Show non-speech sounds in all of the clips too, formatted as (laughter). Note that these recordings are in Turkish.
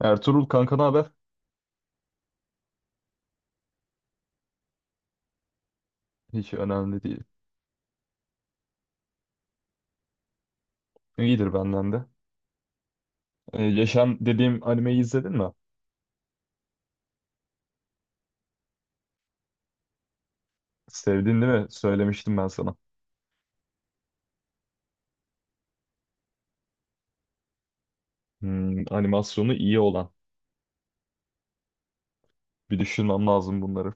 Ertuğrul kanka, ne haber? Hiç önemli değil. İyidir benden de. Yaşam dediğim animeyi izledin mi? Sevdin değil mi? Söylemiştim ben sana. Hmm, animasyonu iyi olan. Bir düşünmem lazım bunları.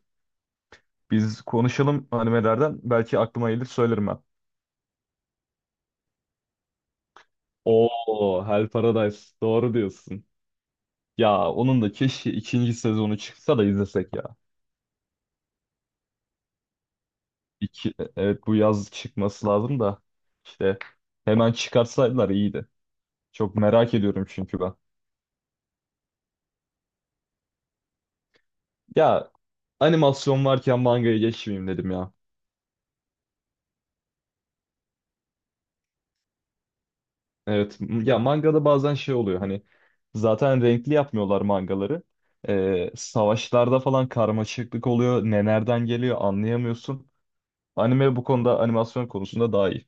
Biz konuşalım animelerden. Belki aklıma gelir söylerim ben. Oo, Hell Paradise. Doğru diyorsun. Ya onun da keşke ikinci sezonu çıksa da izlesek ya. Evet, bu yaz çıkması lazım da. İşte hemen çıkarsaydılar iyiydi. Çok merak ediyorum çünkü ben. Ya animasyon varken mangaya geçmeyeyim dedim ya. Evet, ya mangada bazen şey oluyor, hani zaten renkli yapmıyorlar mangaları. Savaşlarda falan karmaşıklık oluyor. Ne nereden geliyor anlayamıyorsun. Anime bu konuda, animasyon konusunda daha iyi.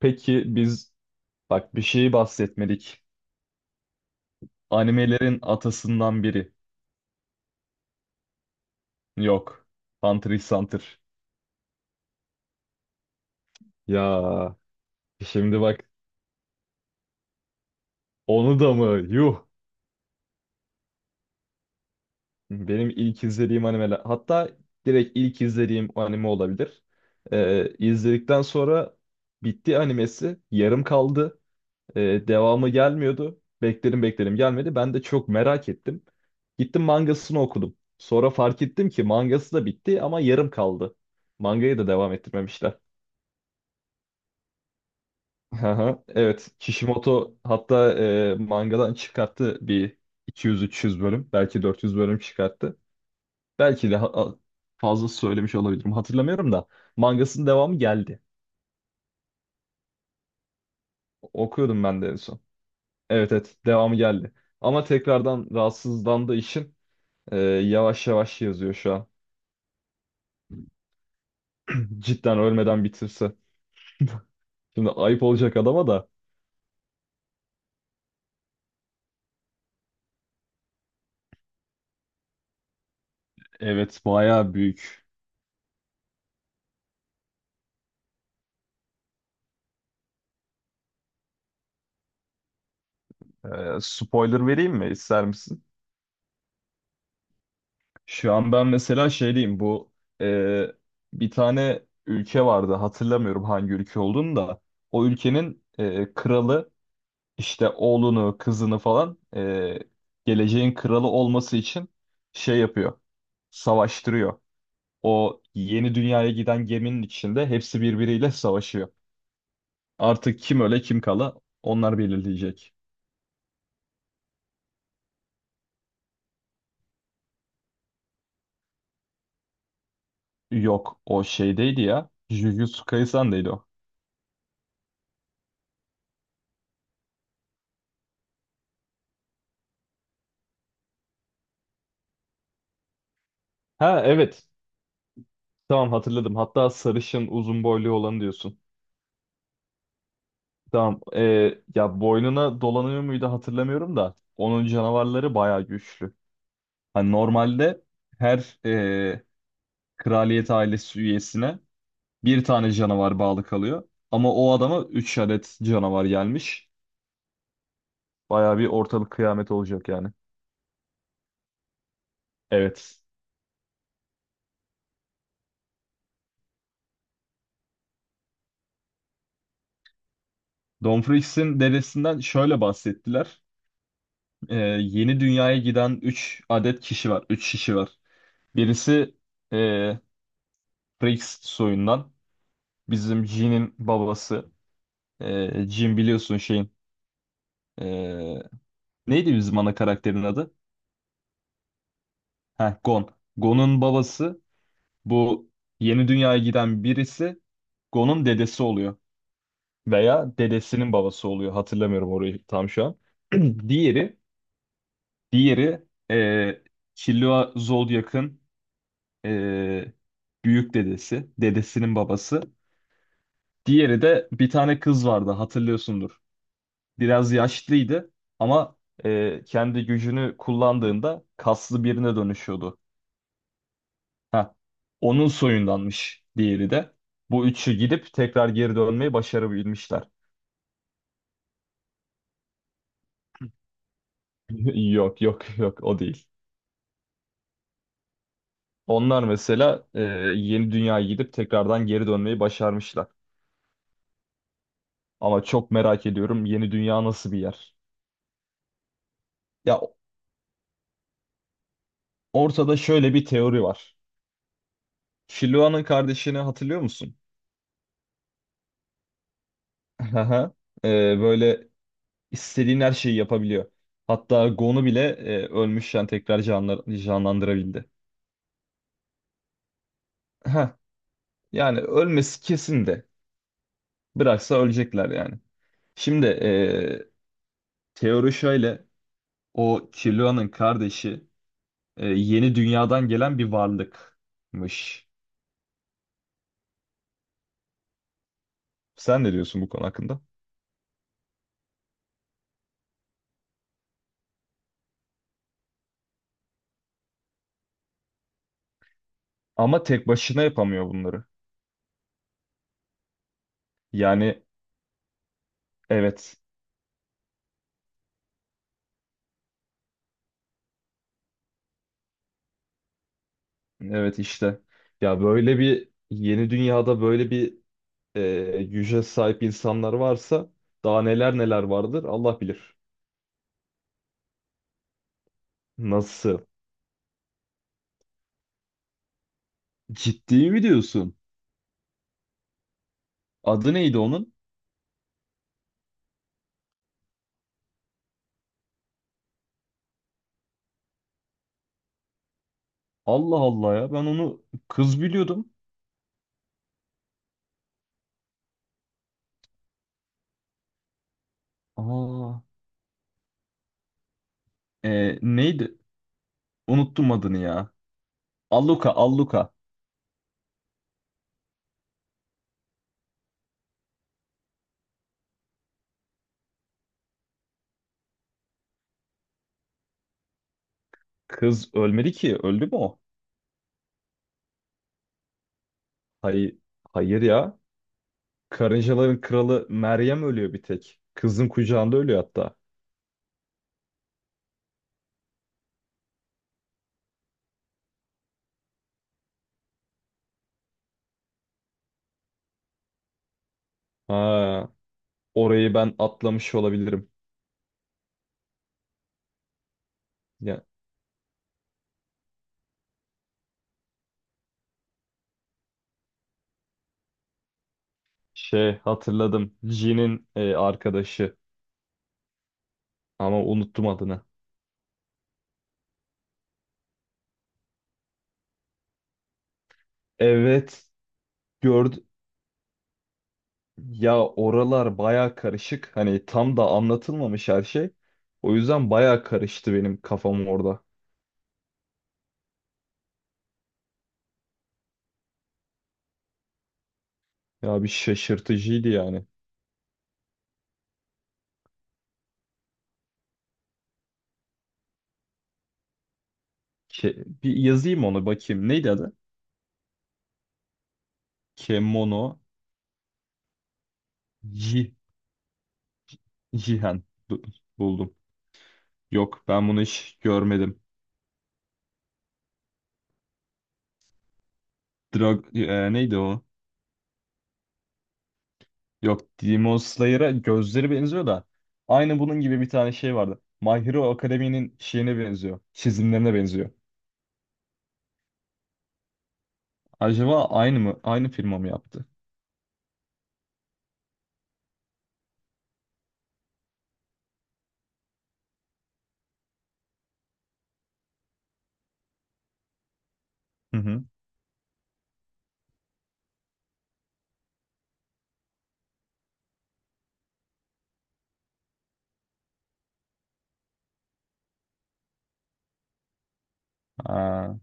Peki biz, bak, bir şeyi bahsetmedik. Animelerin atasından biri. Yok. Hunter x Hunter. Ya, şimdi bak, onu da mı? Yuh. Benim ilk izlediğim animeler, hatta direkt ilk izlediğim anime olabilir. İzledikten sonra bitti, animesi yarım kaldı. Devamı gelmiyordu. Bekledim bekledim, gelmedi. Ben de çok merak ettim. Gittim mangasını okudum. Sonra fark ettim ki mangası da bitti ama yarım kaldı. Mangayı da devam ettirmemişler. (laughs) Aha, evet, Kishimoto hatta mangadan çıkarttı bir 200-300 bölüm, belki 400 bölüm çıkarttı. Belki de fazla söylemiş olabilirim. Hatırlamıyorum da mangasının devamı geldi. Okuyordum ben de en son. Evet, evet, devamı geldi. Ama tekrardan rahatsızlandığı için yavaş yavaş yazıyor şu an. (laughs) Cidden ölmeden bitirse. Şimdi ayıp olacak adama da. Evet, bayağı büyük. E, Spoiler vereyim mi, ister misin? Şu an ben mesela şey diyeyim, bu e, bir tane ülke vardı, hatırlamıyorum hangi ülke olduğunu da. O ülkenin kralı işte oğlunu, kızını falan, geleceğin kralı olması için şey yapıyor. Savaştırıyor. O yeni dünyaya giden geminin içinde hepsi birbiriyle savaşıyor. Artık kim öle kim kala, onlar belirleyecek. Yok, o şeydeydi ya. Jujutsu Kaisen'deydi o. Ha, evet. Tamam, hatırladım. Hatta sarışın uzun boylu olanı diyorsun. Tamam. Ya boynuna dolanıyor muydu hatırlamıyorum da. Onun canavarları bayağı güçlü. Hani normalde her kraliyet ailesi üyesine bir tane canavar bağlı kalıyor. Ama o adama 3 adet canavar gelmiş. Bayağı bir ortalık kıyamet olacak yani. Evet. Domfrix'in dedesinden şöyle bahsettiler. Ee, Yeni dünyaya giden 3 adet kişi var. 3 kişi var. Birisi ee, Frix soyundan. Bizim Jin'in babası. Jin biliyorsun şeyin. ee, Neydi bizim ana karakterin adı? Heh, Gon. Gon'un babası bu. Yeni dünyaya giden birisi, Gon'un dedesi oluyor. Veya dedesinin babası oluyor. Hatırlamıyorum orayı tam şu an. (clears throat) Diğeri, diğeri eee Killua Zodiac'ın eee, büyük dedesi, dedesinin babası. Diğeri de bir tane kız vardı, hatırlıyorsundur. Biraz yaşlıydı ama kendi gücünü kullandığında kaslı birine dönüşüyordu. Ha, onun soyundanmış diğeri de. Bu üçü gidip tekrar geri dönmeyi başarabilmişler. (laughs) Yok, yok, yok, o değil. Onlar mesela yeni dünyaya gidip tekrardan geri dönmeyi başarmışlar. Ama çok merak ediyorum, yeni dünya nasıl bir yer? Ya ortada şöyle bir teori var. Filoa'nın kardeşini hatırlıyor musun? Haha. (laughs) Böyle istediğin her şeyi yapabiliyor. Hatta Gon'u bile ölmüşken tekrar canlandırabildi. Heh, yani ölmesi kesin de. Bıraksa ölecekler yani. Şimdi teori şöyle. O Killua'nın kardeşi yeni dünyadan gelen bir varlıkmış. Sen ne diyorsun bu konu hakkında? Ama tek başına yapamıyor bunları. Yani evet, evet, işte. Ya böyle bir yeni dünyada böyle bir güce sahip insanlar varsa daha neler neler vardır, Allah bilir. Nasıl? Ciddi mi diyorsun? Adı neydi onun? Allah Allah ya, ben onu kız biliyordum. Aa, neydi? Unuttum adını ya. Alluka, Alluka. Kız ölmedi ki. Öldü mü o? Hayır, hayır ya. Karıncaların kralı Meryem ölüyor bir tek. Kızın kucağında ölüyor hatta. Ha, orayı ben atlamış olabilirim. Ya, şey, hatırladım. Jin'in arkadaşı, ama unuttum adını. Evet, gördü. Ya oralar baya karışık. Hani tam da anlatılmamış her şey. O yüzden baya karıştı benim kafam orada. Ya bir şaşırtıcıydı yani. Bir yazayım onu bakayım. Neydi adı? Kemono. Jihan. Bu- Buldum. Yok, ben bunu hiç görmedim. Neydi o? Yok, Demon Slayer'a gözleri benziyor da aynı bunun gibi bir tane şey vardı. My Hero Academy'nin şeyine benziyor. Çizimlerine benziyor. Acaba aynı mı? Aynı firma mı yaptı? Hı hı. Ha,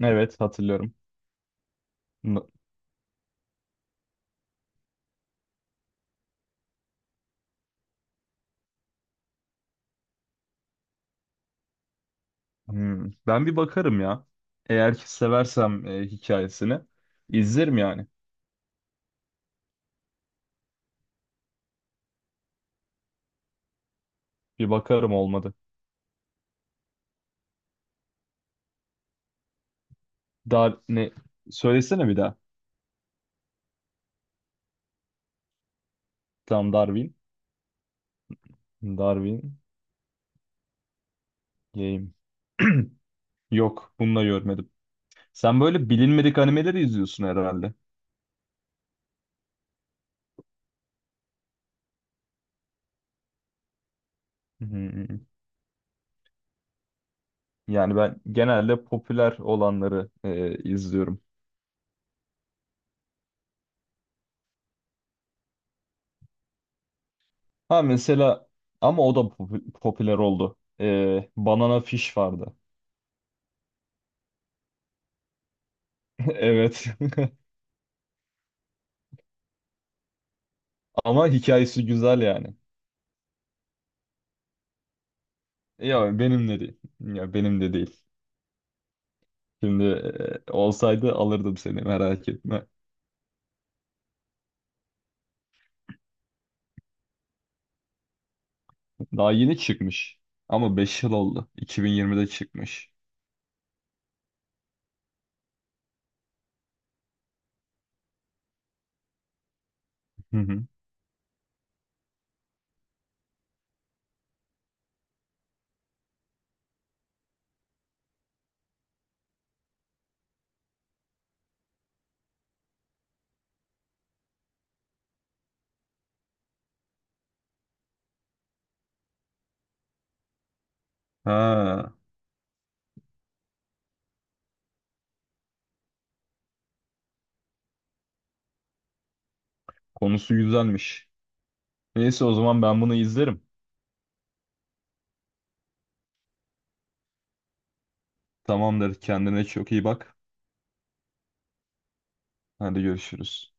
evet hatırlıyorum. N- Ben bir bakarım ya. Eğer ki seversem hikayesini izlerim yani. Bir bakarım, olmadı. Dar ne, söylesene bir daha. Tam Darwin. Darwin Game. (clears throat) Yok, bunu da görmedim. Sen böyle bilinmedik animeleri izliyorsun herhalde. Hmm. Yani ben genelde popüler olanları izliyorum. Ha mesela, ama o da popüler oldu. Banana Fish vardı. (laughs) Evet. (laughs) Ama hikayesi güzel yani. Ya benim de değil. Ya benim de değil. Şimdi olsaydı alırdım, seni merak etme. Daha yeni çıkmış. Ama 5 yıl oldu. 2020'de çıkmış. Hı hı. Ha, konusu güzelmiş. Neyse, o zaman ben bunu izlerim. Tamamdır. Kendine çok iyi bak. Hadi görüşürüz.